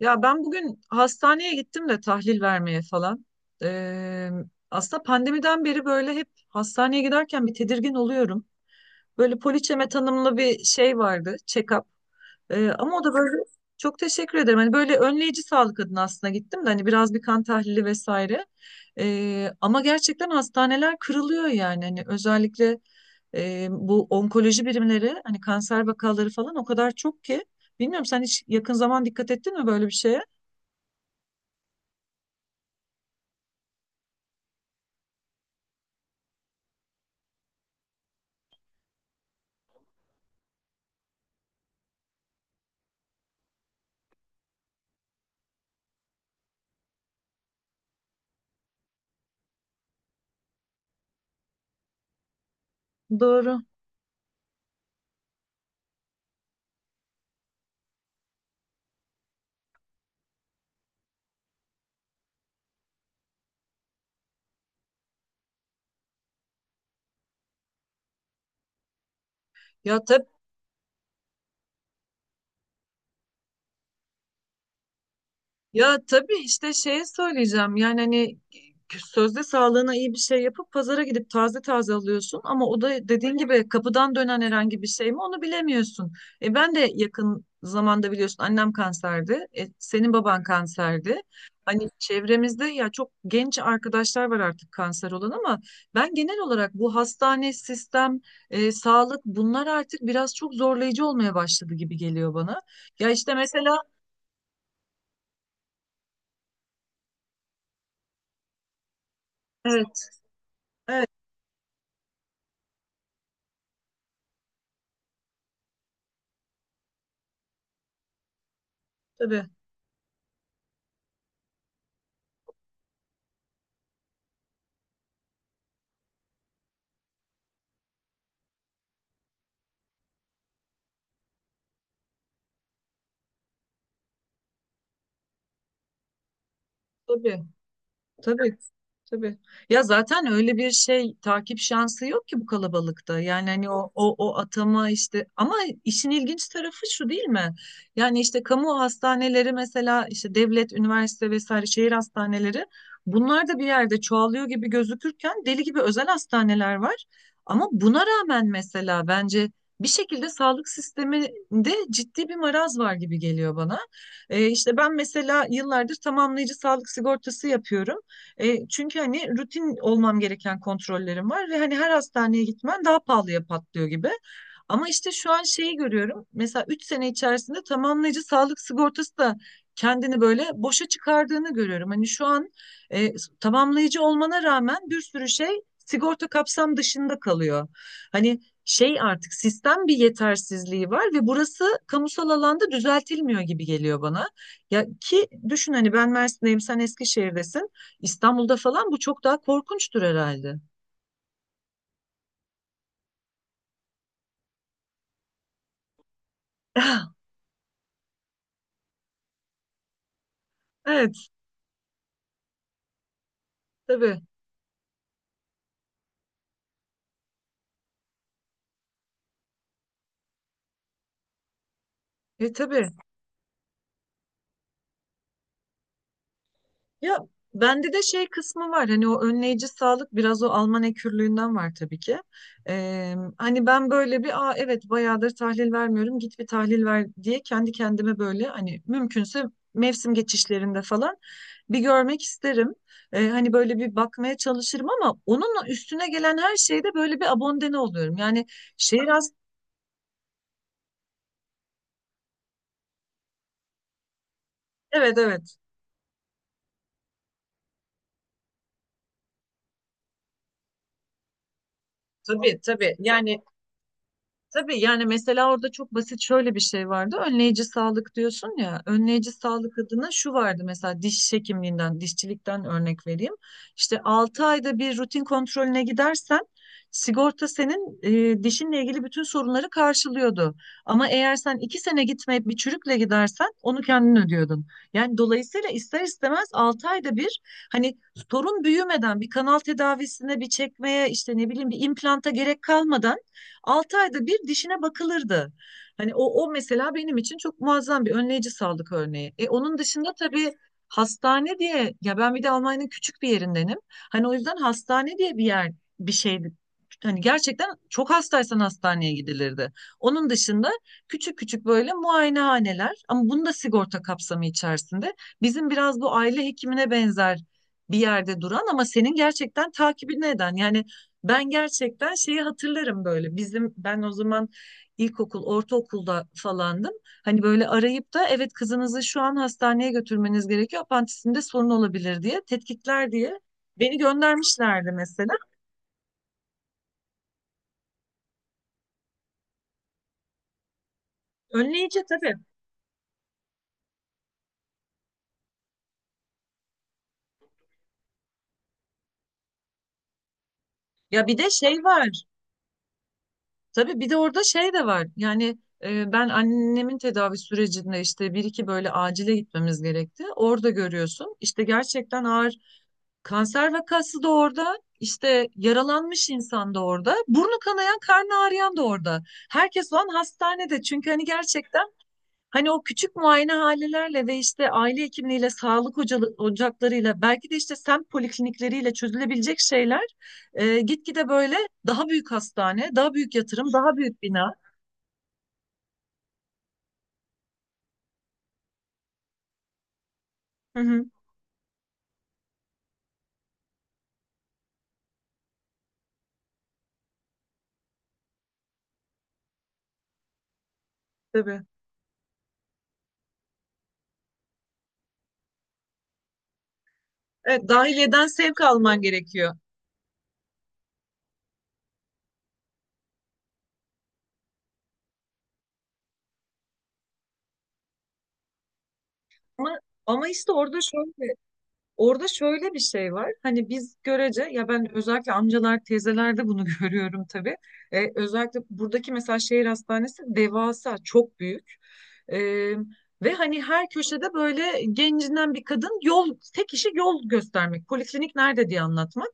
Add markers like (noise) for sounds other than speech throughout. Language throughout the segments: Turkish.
Ya ben bugün hastaneye gittim de tahlil vermeye falan. Ee, aslında pandemiden beri böyle hep hastaneye giderken bir tedirgin oluyorum. Böyle poliçeme tanımlı bir şey vardı, check-up. Ama o da böyle çok teşekkür ederim. Hani böyle önleyici sağlık adına aslında gittim de hani biraz bir kan tahlili vesaire. Ama gerçekten hastaneler kırılıyor yani. Hani özellikle bu onkoloji birimleri hani kanser vakaları falan o kadar çok ki. Bilmiyorum sen hiç yakın zaman dikkat ettin mi böyle bir şeye? Doğru. Ya tab ya tabii işte şeye söyleyeceğim. Yani hani sözde sağlığına iyi bir şey yapıp pazara gidip taze taze alıyorsun ama o da dediğin gibi kapıdan dönen herhangi bir şey mi onu bilemiyorsun. E ben de yakın zamanda biliyorsun annem kanserdi. E, senin baban kanserdi. Hani çevremizde ya çok genç arkadaşlar var artık kanser olan ama ben genel olarak bu hastane, sistem, sağlık bunlar artık biraz çok zorlayıcı olmaya başladı gibi geliyor bana. Ya işte mesela. Evet, evet tabii, tabii. Tabii, tabii. Ya zaten öyle bir şey takip şansı yok ki bu kalabalıkta. Yani hani o atama işte ama işin ilginç tarafı şu değil mi? Yani işte kamu hastaneleri mesela işte devlet, üniversite vesaire şehir hastaneleri bunlar da bir yerde çoğalıyor gibi gözükürken deli gibi özel hastaneler var. Ama buna rağmen mesela bence bir şekilde sağlık sisteminde ciddi bir maraz var gibi geliyor bana. İşte ben mesela yıllardır tamamlayıcı sağlık sigortası yapıyorum. E, çünkü hani rutin olmam gereken kontrollerim var ve hani her hastaneye gitmen daha pahalıya patlıyor gibi. Ama işte şu an şeyi görüyorum. Mesela 3 sene içerisinde tamamlayıcı sağlık sigortası da kendini böyle boşa çıkardığını görüyorum. Hani şu an e, tamamlayıcı olmana rağmen bir sürü şey sigorta kapsam dışında kalıyor. Hani şey artık sistem bir yetersizliği var ve burası kamusal alanda düzeltilmiyor gibi geliyor bana. Ya ki düşün hani ben Mersin'deyim, sen Eskişehir'desin. İstanbul'da falan bu çok daha korkunçtur herhalde. (laughs) Evet, tabii. E tabii. Ya bende de şey kısmı var. Hani o önleyici sağlık biraz o Alman ekürlüğünden var tabii ki. Hani ben böyle bir Aa, evet bayağıdır tahlil vermiyorum. Git bir tahlil ver diye kendi kendime böyle hani mümkünse mevsim geçişlerinde falan bir görmek isterim. Hani böyle bir bakmaya çalışırım ama onunla üstüne gelen her şeyde böyle bir abondene oluyorum. Yani şehir az. Evet evet tabii tabii yani. Tabii yani mesela orada çok basit şöyle bir şey vardı. Önleyici sağlık diyorsun ya. Önleyici sağlık adına şu vardı mesela diş hekimliğinden, dişçilikten örnek vereyim. İşte 6 ayda bir rutin kontrolüne gidersen sigorta senin dişinle ilgili bütün sorunları karşılıyordu. Ama eğer sen 2 sene gitmeyip bir çürükle gidersen onu kendin ödüyordun. Yani dolayısıyla ister istemez 6 ayda bir hani sorun büyümeden bir kanal tedavisine bir çekmeye işte ne bileyim bir implanta gerek kalmadan 6 ayda bir dişine bakılırdı. Hani o, o mesela benim için çok muazzam bir önleyici sağlık örneği. E, onun dışında tabii hastane diye ya ben bir de Almanya'nın küçük bir yerindenim. Hani o yüzden hastane diye bir yer bir şey hani gerçekten çok hastaysan hastaneye gidilirdi. Onun dışında küçük küçük böyle muayenehaneler ama bunu da sigorta kapsamı içerisinde. Bizim biraz bu aile hekimine benzer bir yerde duran ama senin gerçekten takibini eden yani ben gerçekten şeyi hatırlarım böyle. Bizim ben o zaman ilkokul, ortaokulda falandım. Hani böyle arayıp da evet kızınızı şu an hastaneye götürmeniz gerekiyor. Apantisinde sorun olabilir diye, tetkikler diye beni göndermişlerdi mesela. Önleyici tabii. Ya bir de şey var. Tabii bir de orada şey de var. Yani ben annemin tedavi sürecinde işte bir iki böyle acile gitmemiz gerekti. Orada görüyorsun. İşte gerçekten ağır. Kanser vakası da orada, işte yaralanmış insan da orada, burnu kanayan, karnı ağrıyan da orada. Herkes o an hastanede çünkü hani gerçekten hani o küçük muayenehanelerle ve işte aile hekimliğiyle, ocaklarıyla, belki de işte semt poliklinikleriyle çözülebilecek şeyler gitgide böyle daha büyük hastane, daha büyük yatırım, daha büyük bina. Hı hı, tabii. Evet, dahiliyeden sevk alman gerekiyor. Ama, ama, işte orada şöyle. Orada şöyle bir şey var. Hani biz görece ya ben özellikle amcalar, teyzelerde bunu (laughs) görüyorum tabii. Özellikle buradaki mesela şehir hastanesi devasa, çok büyük. Ee, ve hani her köşede böyle gencinden bir kadın yol, tek işi yol göstermek. Poliklinik nerede diye anlatmak.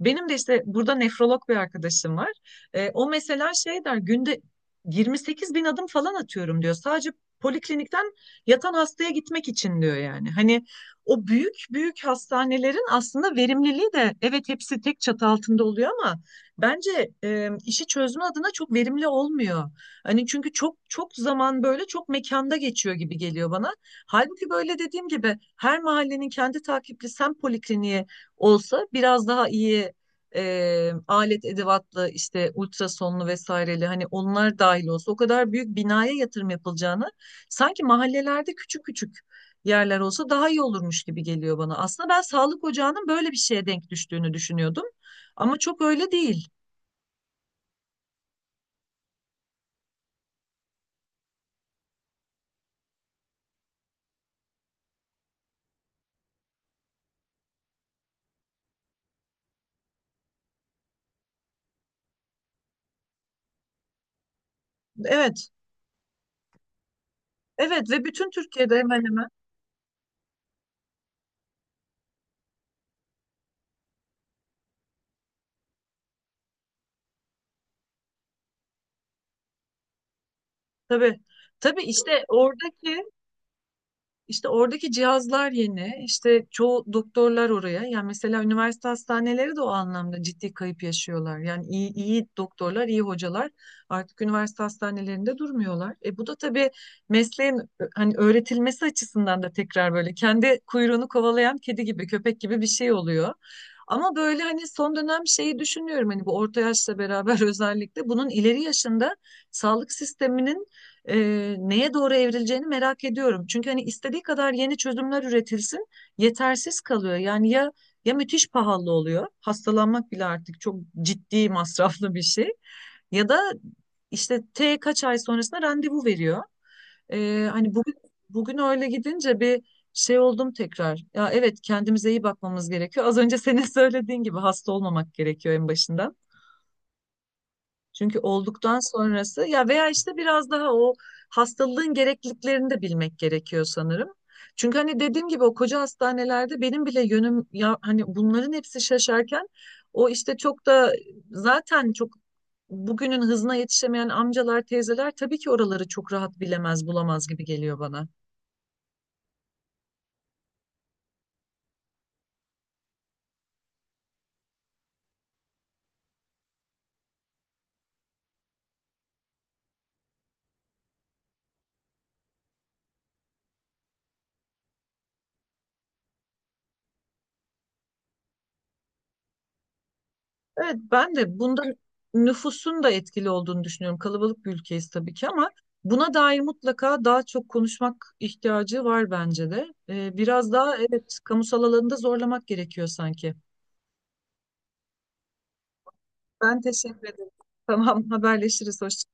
Benim de işte burada nefrolog bir arkadaşım var. O mesela şey der günde 28 bin adım falan atıyorum diyor. Sadece poliklinikten yatan hastaya gitmek için diyor yani. Hani o büyük büyük hastanelerin aslında verimliliği de evet hepsi tek çatı altında oluyor ama bence işi çözme adına çok verimli olmuyor. Hani çünkü çok çok zaman böyle çok mekanda geçiyor gibi geliyor bana. Halbuki böyle dediğim gibi her mahallenin kendi takipli semt polikliniği olsa biraz daha iyi alet edevatlı işte ultrasonlu vesaireli hani onlar dahil olsa o kadar büyük binaya yatırım yapılacağını sanki mahallelerde küçük küçük yerler olsa daha iyi olurmuş gibi geliyor bana. Aslında ben sağlık ocağının böyle bir şeye denk düştüğünü düşünüyordum. Ama çok öyle değil. Evet. Evet ve bütün Türkiye'de hemen hemen. Tabii. Tabii işte oradaki. İşte oradaki cihazlar yeni. İşte çoğu doktorlar oraya. Yani mesela üniversite hastaneleri de o anlamda ciddi kayıp yaşıyorlar. Yani iyi, iyi doktorlar, iyi hocalar artık üniversite hastanelerinde durmuyorlar. E bu da tabii hani öğretilmesi açısından da tekrar böyle kendi kuyruğunu kovalayan kedi gibi, köpek gibi bir şey oluyor. Ama böyle hani son dönem şeyi düşünüyorum hani bu orta yaşla beraber (laughs) özellikle bunun ileri yaşında sağlık sisteminin neye doğru evrileceğini merak ediyorum. Çünkü hani istediği kadar yeni çözümler üretilsin, yetersiz kalıyor. Yani ya müthiş pahalı oluyor, hastalanmak bile artık çok ciddi masraflı bir şey. Ya da işte T kaç ay sonrasında randevu veriyor. Hani bugün öyle gidince bir şey oldum tekrar. Ya evet kendimize iyi bakmamız gerekiyor. Az önce senin (laughs) söylediğin gibi hasta olmamak gerekiyor en başından. Çünkü olduktan sonrası ya veya işte biraz daha o hastalığın gerekliliklerini de bilmek gerekiyor sanırım. Çünkü hani dediğim gibi o koca hastanelerde benim bile yönüm ya hani bunların hepsi şaşarken o işte çok da zaten çok bugünün hızına yetişemeyen amcalar, teyzeler tabii ki oraları çok rahat bilemez, bulamaz gibi geliyor bana. Evet ben de bunda nüfusun da etkili olduğunu düşünüyorum. Kalabalık bir ülkeyiz tabii ki ama buna dair mutlaka daha çok konuşmak ihtiyacı var bence de. Biraz daha evet kamusal alanında zorlamak gerekiyor sanki. Ben teşekkür ederim. Tamam (laughs) haberleşiriz. Hoşça